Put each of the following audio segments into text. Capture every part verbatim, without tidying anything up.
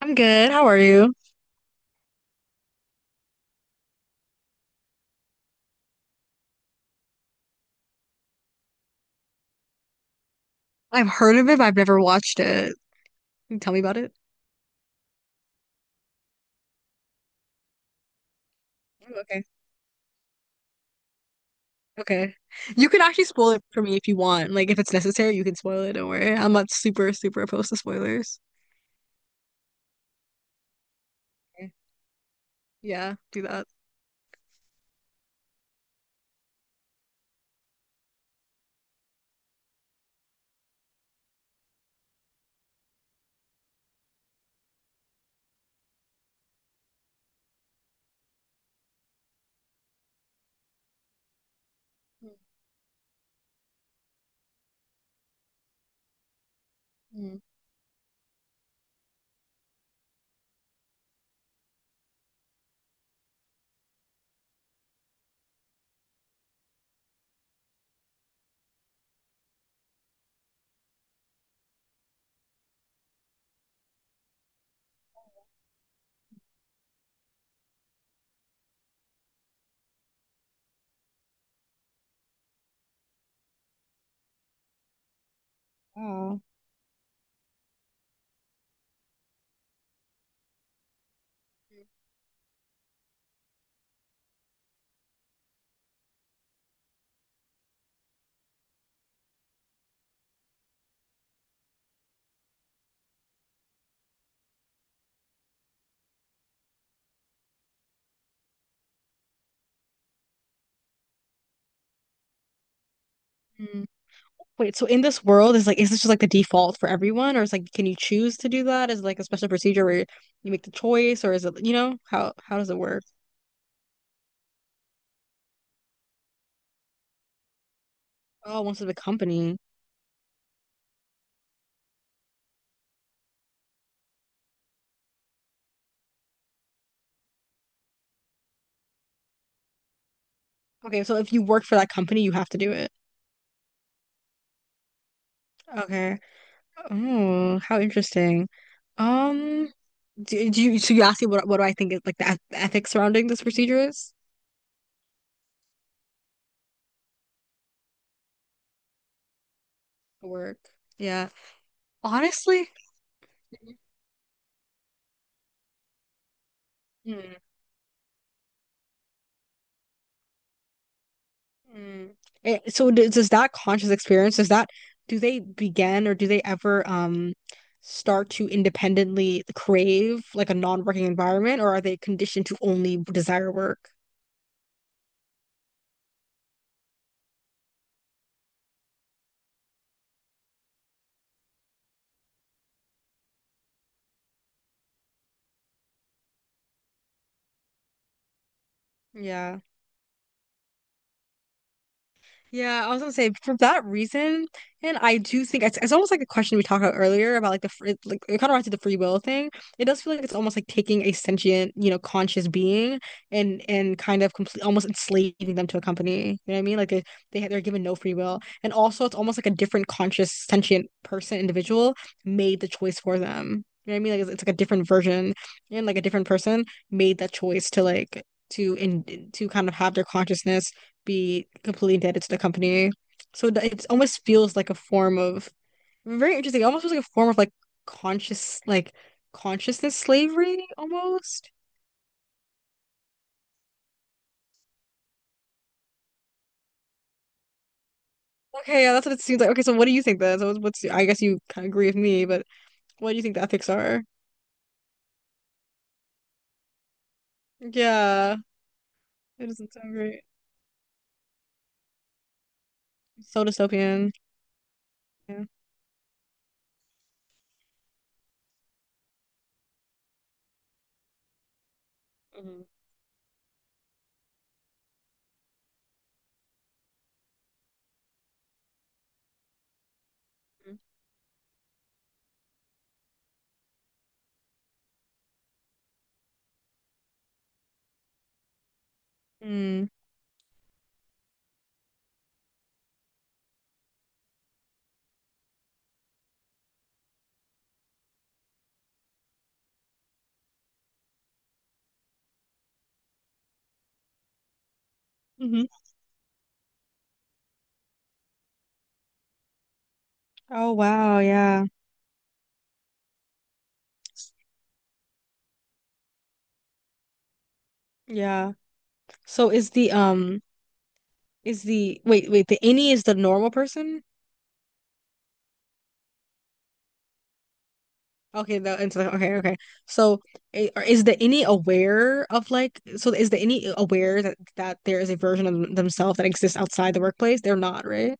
I'm good. How are you? I've heard of it, but I've never watched it. Can you tell me about it? Oh, okay. Okay. You can actually spoil it for me if you want. Like, if it's necessary, you can spoil it. Don't worry. I'm not super, super opposed to spoilers. Okay. Yeah, do that. Mm. Oh. Mm. Wait, so in this world, is like, is this just like the default for everyone, or is like, can you choose to do that? Is it like a special procedure where you make the choice, or is it, you know, how how does it work? Oh, once it's a company. Okay, so if you work for that company, you have to do it. Okay. Oh, how interesting. Um, do, do you so you asking what what do I think is like the, eth- ethics surrounding this procedure is? The work. Yeah. Honestly, mm. Mm. Eh, so does, does that conscious experience, does that do they begin or do they ever um start to independently crave like a non-working environment, or are they conditioned to only desire work? Yeah. Yeah, I was gonna say for that reason, and I do think it's, it's almost like the question we talked about earlier about like the free, like it kind of relates to the free will thing. It does feel like it's almost like taking a sentient, you know, conscious being and and kind of complete almost enslaving them to a company. You know what I mean? Like they they they're given no free will, and also it's almost like a different conscious sentient person individual made the choice for them. You know what I mean? Like it's, it's like a different version and like a different person made that choice to like to in to kind of have their consciousness be completely indebted to the company. So it almost feels like a form of very interesting. It almost feels like a form of like conscious, like consciousness slavery almost. Okay, yeah, that's what it seems like. Okay, so what do you think then? So what's I guess you kind of agree with me, but what do you think the ethics are? Yeah, it doesn't sound great. So dystopian. Yeah. Mm-hmm. Mm. Hmm. Oh wow, yeah. Yeah. So is the um is the wait, wait, the any is the normal person? Okay, the intellect. Okay, okay. So, i- are- is the any aware of, like? So, is the any aware that that there is a version of them- themselves that exists outside the workplace? They're not, right?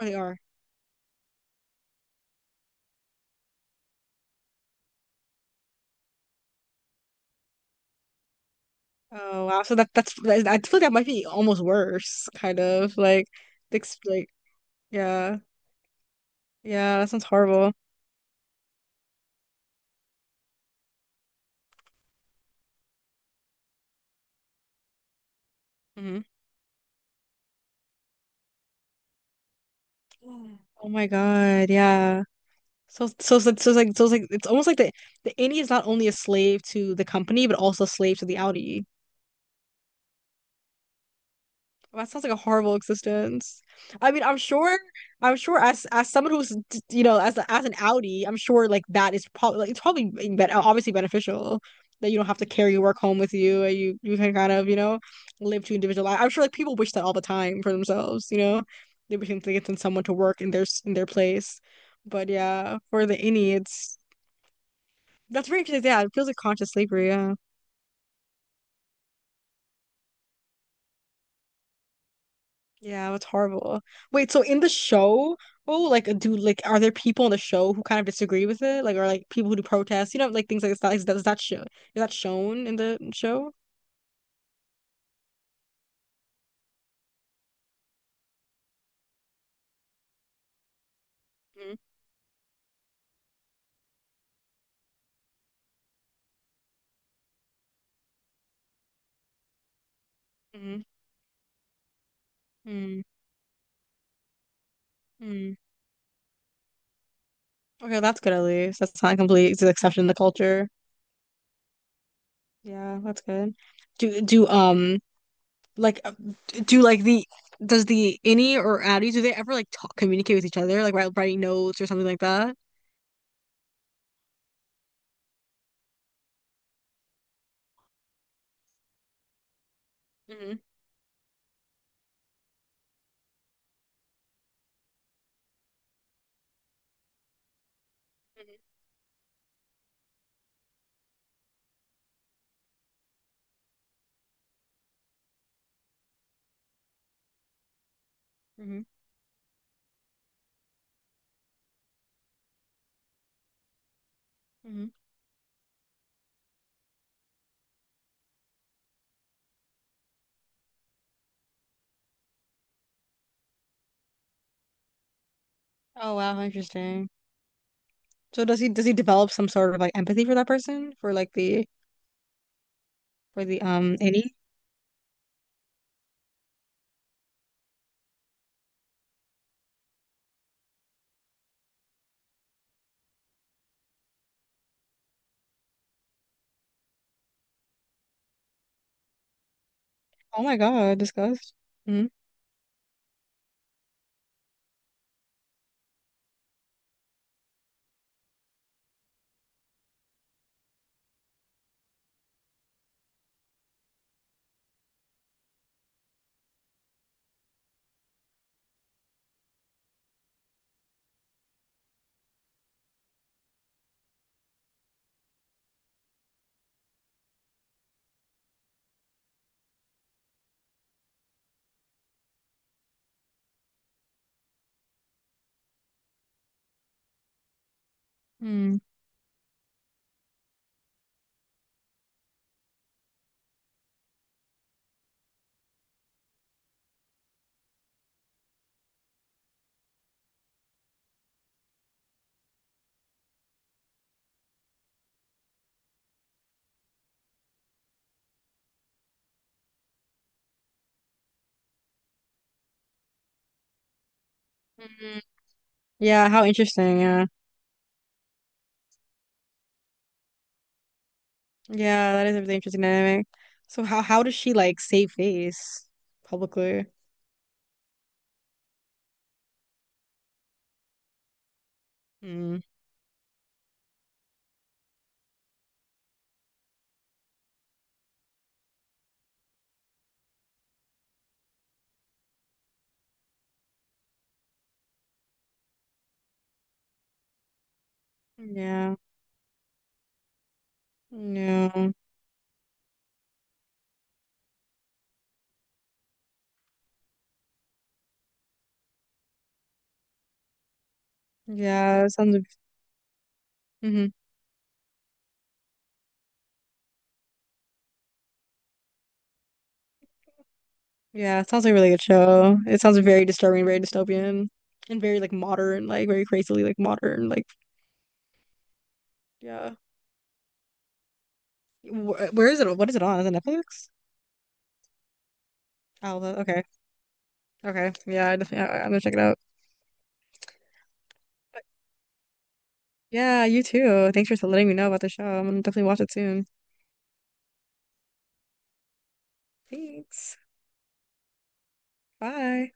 Or they are. Oh wow. So that that's that is- I feel like that might be almost worse, kind of like, ex- like yeah, yeah. That sounds horrible. Hmm. Yeah. Oh my God, yeah. So so so so it's like, so it's like it's almost like the the innie is not only a slave to the company but also a slave to the outie. That sounds like a horrible existence. I mean, I'm sure, I'm sure as as someone who's d- you know, as as an Audi, I'm sure like that is probably like, it's probably being ben- obviously beneficial that you don't have to carry your work home with you and you you can kind of, you know, live two individual life. I'm sure like people wish that all the time for themselves. You know, they wish they could send someone to work in their s- in their place. But yeah, for the innie, it's that's very interesting. Yeah, it feels like conscious slavery. Yeah. Yeah, that's horrible. Wait, so in the show, oh, like do like are there people in the show who kind of disagree with it? Like are like people who do protests, you know, like things like that. Is that, is that show is that shown in the show? Mm. Mm. Mm. Mm. Okay, that's good at least. That's not complete it's an exception in the culture. Yeah, that's good. Do do um like, uh, do like the does the Innie or Addie do they ever like talk communicate with each other like write, writing notes or something like that? Mm-hmm. Mm-hmm. Mm-hmm. Oh wow, interesting. So does he does he develop some sort of like empathy for that person, for like the for the um any? Oh my God, disgust. Mm-hmm. Mm. Mm. Yeah, how interesting. Yeah, yeah, that is a really interesting dynamic. So how how does she like save face publicly? Mm. Yeah, yeah, yeah. It sounds. Mm-hmm. Yeah, it sounds like a really good show. It sounds very disturbing, very dystopian, and very like modern, like very crazily like modern. Like yeah, Wh where is it? What is it on? Is it Netflix? Oh, the- okay. Okay. Yeah, I definitely, I, I'm gonna check it out. But yeah, you too. Thanks for letting me know about the show. I'm gonna definitely watch it soon. Thanks. Bye.